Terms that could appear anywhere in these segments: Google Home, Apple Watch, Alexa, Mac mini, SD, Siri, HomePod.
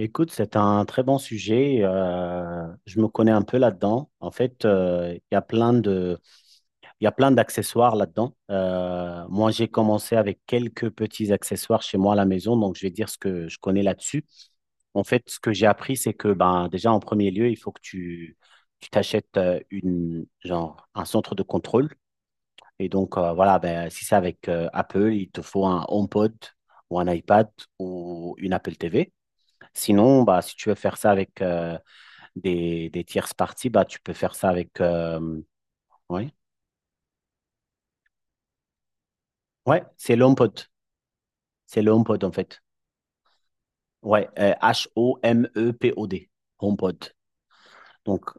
Écoute, c'est un très bon sujet. Je me connais un peu là-dedans. En fait, il y a plein de, il y a plein d'accessoires là-dedans. Moi, j'ai commencé avec quelques petits accessoires chez moi à la maison, donc je vais dire ce que je connais là-dessus. En fait, ce que j'ai appris, c'est que ben, déjà en premier lieu, il faut que tu t'achètes genre, un centre de contrôle. Et donc, voilà, ben, si c'est avec Apple, il te faut un HomePod ou un iPad ou une Apple TV. Sinon, bah, si tu veux faire ça avec, des tierces parties, bah, tu peux faire ça avec. Ouais. Ouais, c'est l'HomePod. C'est le HomePod, en fait. Ouais, H-O-M-E-P-O-D. HomePod. Donc,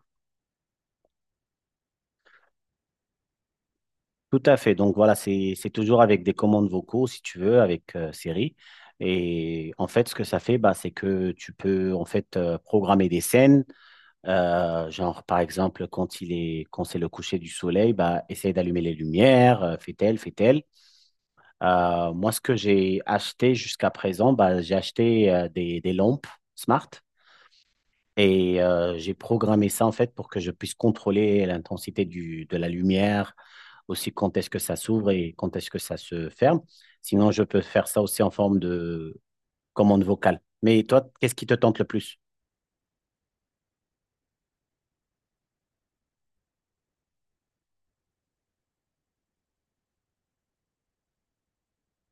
tout à fait. Donc, voilà, c'est toujours avec des commandes vocaux, si tu veux, avec Siri. Et en fait, ce que ça fait, bah, c'est que tu peux en fait programmer des scènes. Genre, par exemple, quand quand c'est le coucher du soleil, bah, essaye d'allumer les lumières, fais-elle, fais-elle. Moi, ce que j'ai acheté jusqu'à présent, bah, j'ai acheté des lampes smart et j'ai programmé ça en fait pour que je puisse contrôler l'intensité de la lumière, aussi quand est-ce que ça s'ouvre et quand est-ce que ça se ferme. Sinon, je peux faire ça aussi en forme de commande vocale. Mais toi, qu'est-ce qui te tente le plus?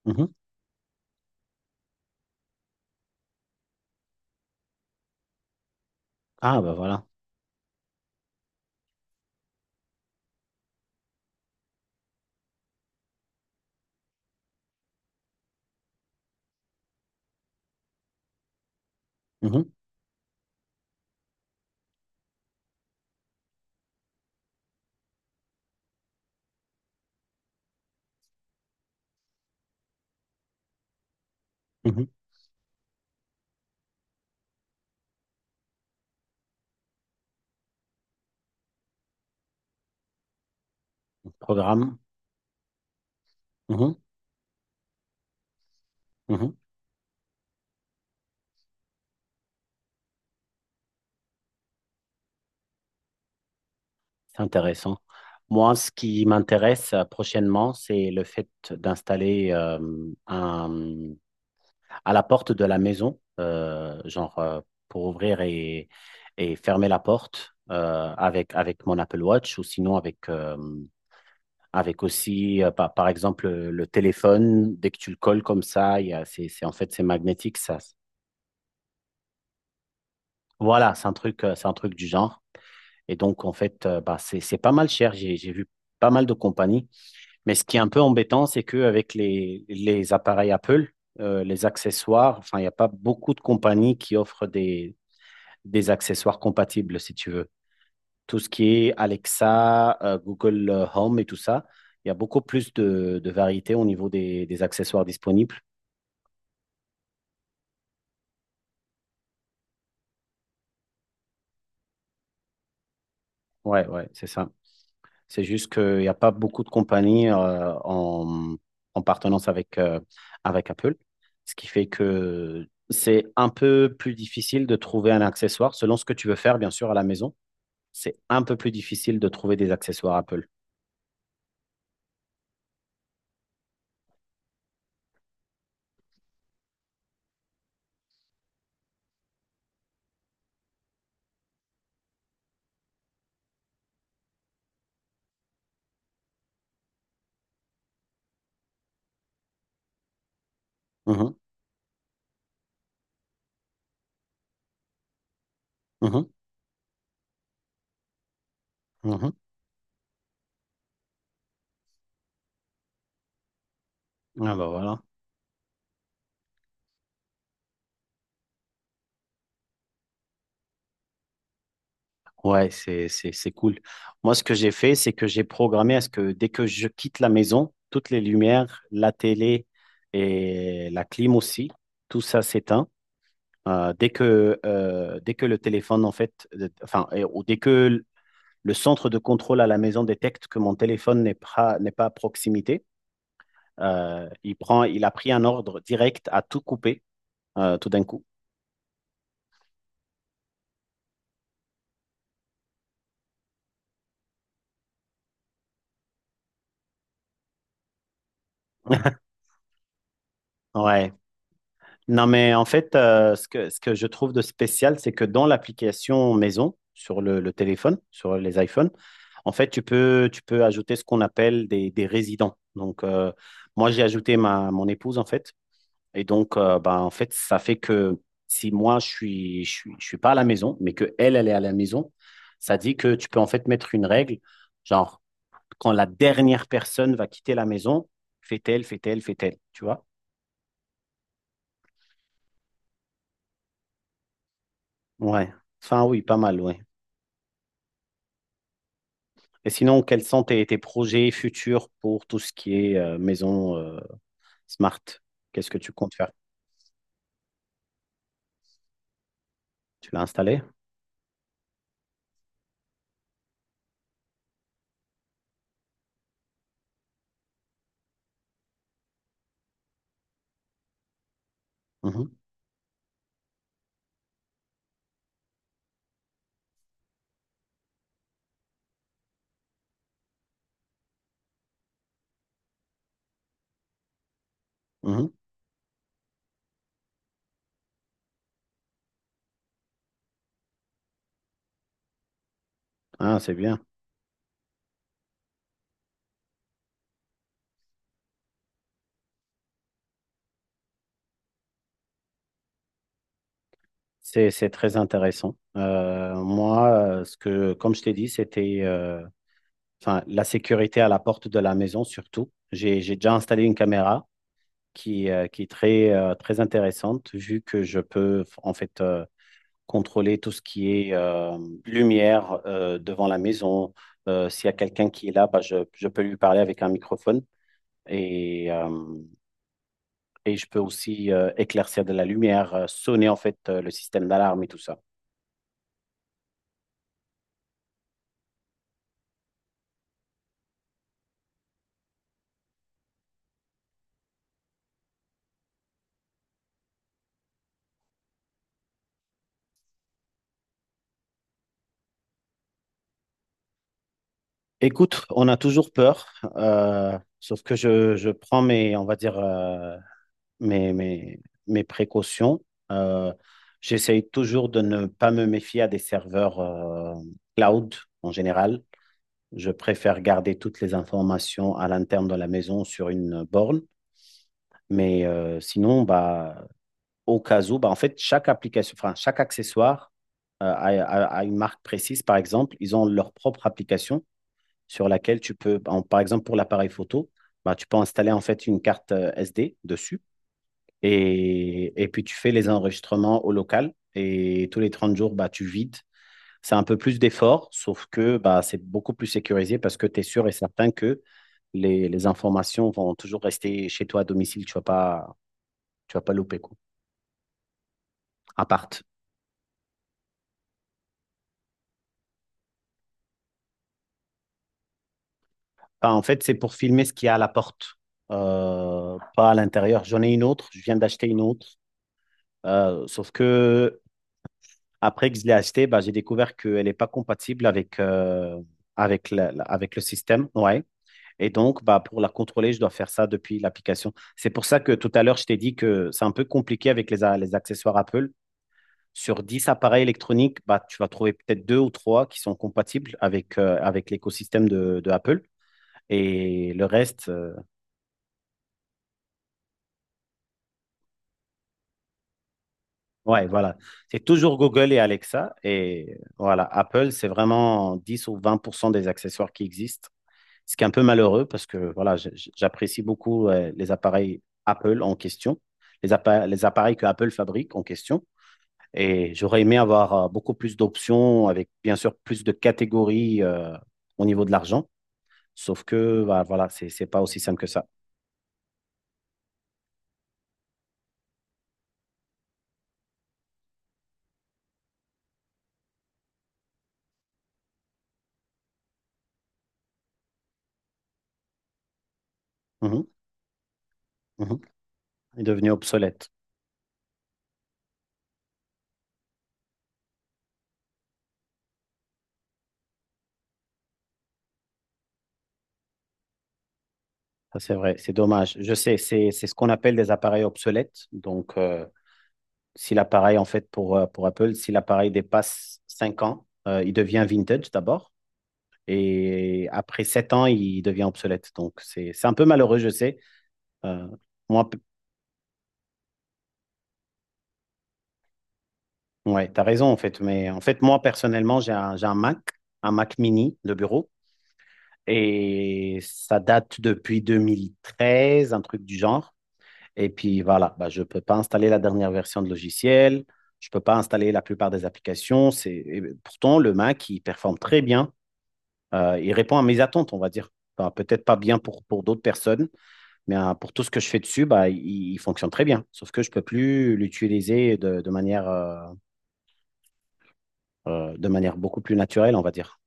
Mhm. Ah, bah voilà. Mhm, mhm. Programme. Mhm, mhm. C'est intéressant. Moi, ce qui m'intéresse prochainement, c'est le fait d'installer un, à la porte de la maison, genre pour ouvrir et fermer la porte avec mon Apple Watch ou sinon avec aussi, par exemple, le téléphone. Dès que tu le colles comme ça, il y a- c'est- en fait, c'est magnétique. Ça. Voilà, c'est un truc du genre. Et donc, en fait, bah, c'est pas mal cher. J'ai vu pas mal de compagnies. Mais ce qui est un peu embêtant, c'est qu'avec les appareils Apple, les accessoires, enfin, il n'y a pas beaucoup de compagnies qui offrent des accessoires compatibles, si tu veux. Tout ce qui est Alexa, Google Home et tout ça, il y a beaucoup plus de variété au niveau des accessoires disponibles. Ouais, ouais, c'est ça. C'est juste qu'il n'y a pas beaucoup de compagnies en partenance avec Apple, ce qui fait que c'est un peu plus difficile de trouver un accessoire, selon ce que tu veux faire, bien sûr, à la maison. C'est un peu plus difficile de trouver des accessoires Apple. Mhm, mhm, mhm. Ah bah voilà. Ouais, c'est cool. Moi, ce que j'ai fait, c'est que j'ai programmé à ce que dès que je quitte la maison, toutes les lumières, la télé et la clim aussi, tout ça s'éteint. Dès que le téléphone, en fait, enfin, et- ou dès que l- le centre de contrôle à la maison détecte que mon téléphone n'est pas à proximité, il a pris un ordre direct à tout couper, tout d'un coup. Ouais. Non, mais en fait, ce que je trouve de spécial, c'est que dans l'application maison, sur le téléphone, sur les iPhones, en fait, tu peux ajouter ce qu'on appelle des résidents. Donc, moi, j'ai ajouté mon épouse, en fait. Et donc, bah, en fait, ça fait que si moi, je suis pas à la maison, mais que elle, elle est à la maison, ça dit que tu peux en fait mettre une règle, genre, quand la dernière personne va quitter la maison, fait-elle, fait-elle, fait-elle, tu vois? Ouais. Enfin, oui, pas mal, ouais. Et sinon, quels sont tes projets futurs pour tout ce qui est maison smart? Qu'est-ce que tu comptes faire? Tu l'as installé? Mhm, mhm. Ah, c'est bien. C'est très intéressant. Moi, comme je t'ai dit, c'était enfin, la sécurité à la porte de la maison surtout. J'ai déjà installé une caméra qui est très, très intéressante vu que je peux en fait contrôler tout ce qui est lumière devant la maison. S'il y a quelqu'un qui est là, bah, je peux lui parler avec un microphone et, euh, et je peux aussi éclaircir de la lumière, sonner en fait le système d'alarme et tout ça. Écoute, on a toujours peur, sauf que je prends mes, on va dire, mes, mes, mes précautions. Euh, j'essaye toujours de ne pas me méfier à des serveurs cloud en général. Je préfère garder toutes les informations à l'interne de la maison sur une borne. Mais sinon, bah, au cas où, bah, en fait, chaque application, enfin, chaque accessoire a une marque précise, par exemple, ils ont leur propre application sur laquelle tu peux, par exemple, pour l'appareil photo, bah, tu peux installer en fait une carte SD dessus et puis tu fais les enregistrements au local et tous les 30 jours, bah, tu vides. C'est un peu plus d'effort, sauf que bah, c'est beaucoup plus sécurisé parce que tu es sûr et certain que les informations vont toujours rester chez toi à domicile. Tu vas pas louper, quoi. À part. Bah, en fait, c'est pour filmer ce qu'il y a à la porte, pas à l'intérieur. J'en ai une autre, je viens d'acheter une autre. Sauf que après que je l'ai achetée, bah, j'ai découvert qu'elle n'est pas compatible avec le système. Ouais. Et donc, bah, pour la contrôler, je dois faire ça depuis l'application. C'est pour ça que tout à l'heure, je t'ai dit que c'est un peu compliqué avec les accessoires Apple. Sur 10 appareils électroniques, bah, tu vas trouver peut-être deux ou trois qui sont compatibles avec l'écosystème de Apple. Et le reste, ouais, voilà. C'est toujours Google et Alexa. Et voilà, Apple, c'est vraiment 10 ou 20% des accessoires qui existent. Ce qui est un peu malheureux parce que voilà, j'apprécie beaucoup ouais, les appareils Apple en question, les appareils que Apple fabrique en question. Et j'aurais aimé avoir beaucoup plus d'options avec bien sûr plus de catégories au niveau de l'argent. Sauf que, bah, voilà, c'est pas aussi simple que ça. Mhm, mhm. Est devenu obsolète. Ça, c'est vrai. C'est dommage. Je sais, c'est ce qu'on appelle des appareils obsolètes. Donc, si l'appareil, en fait, pour Apple, si l'appareil dépasse 5 ans, il devient vintage d'abord. Et après 7 ans, il devient obsolète. Donc, c'est un peu malheureux, je sais. Euh, moi, ouais, tu as raison, en fait. Mais en fait, moi, personnellement, j'ai un, Mac, un Mac mini de bureau. Et ça date depuis 2013, un truc du genre. Et puis voilà, bah, je ne peux pas installer la dernière version de logiciel. Je ne peux pas installer la plupart des applications. Et pourtant, le Mac, il performe très bien. Il répond à mes attentes, on va dire. Enfin, peut-être pas bien pour d'autres personnes. Mais pour tout ce que je fais dessus, bah, il fonctionne très bien. Sauf que je peux plus l'utiliser de manière beaucoup plus naturelle, on va dire.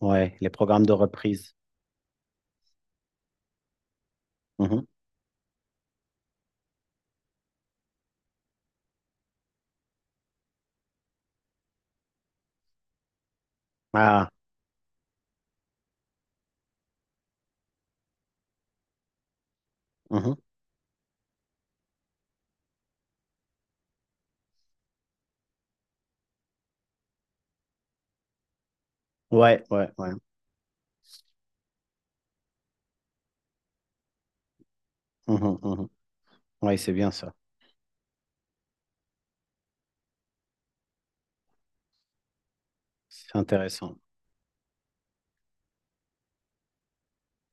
Ouais, les programmes de reprise. Mhm. Ah, mhm. Ouais, ouais, ouais. Mhm, mhm. Ouais, c'est bien ça. C'est intéressant.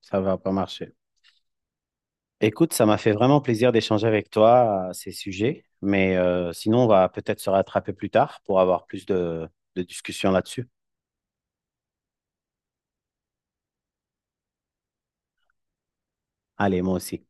Ça va pas marcher. Écoute, ça m'a fait vraiment plaisir d'échanger avec toi à ces sujets. Mais sinon, on va peut-être se rattraper plus tard pour avoir plus de discussions là-dessus. Allez, moi aussi.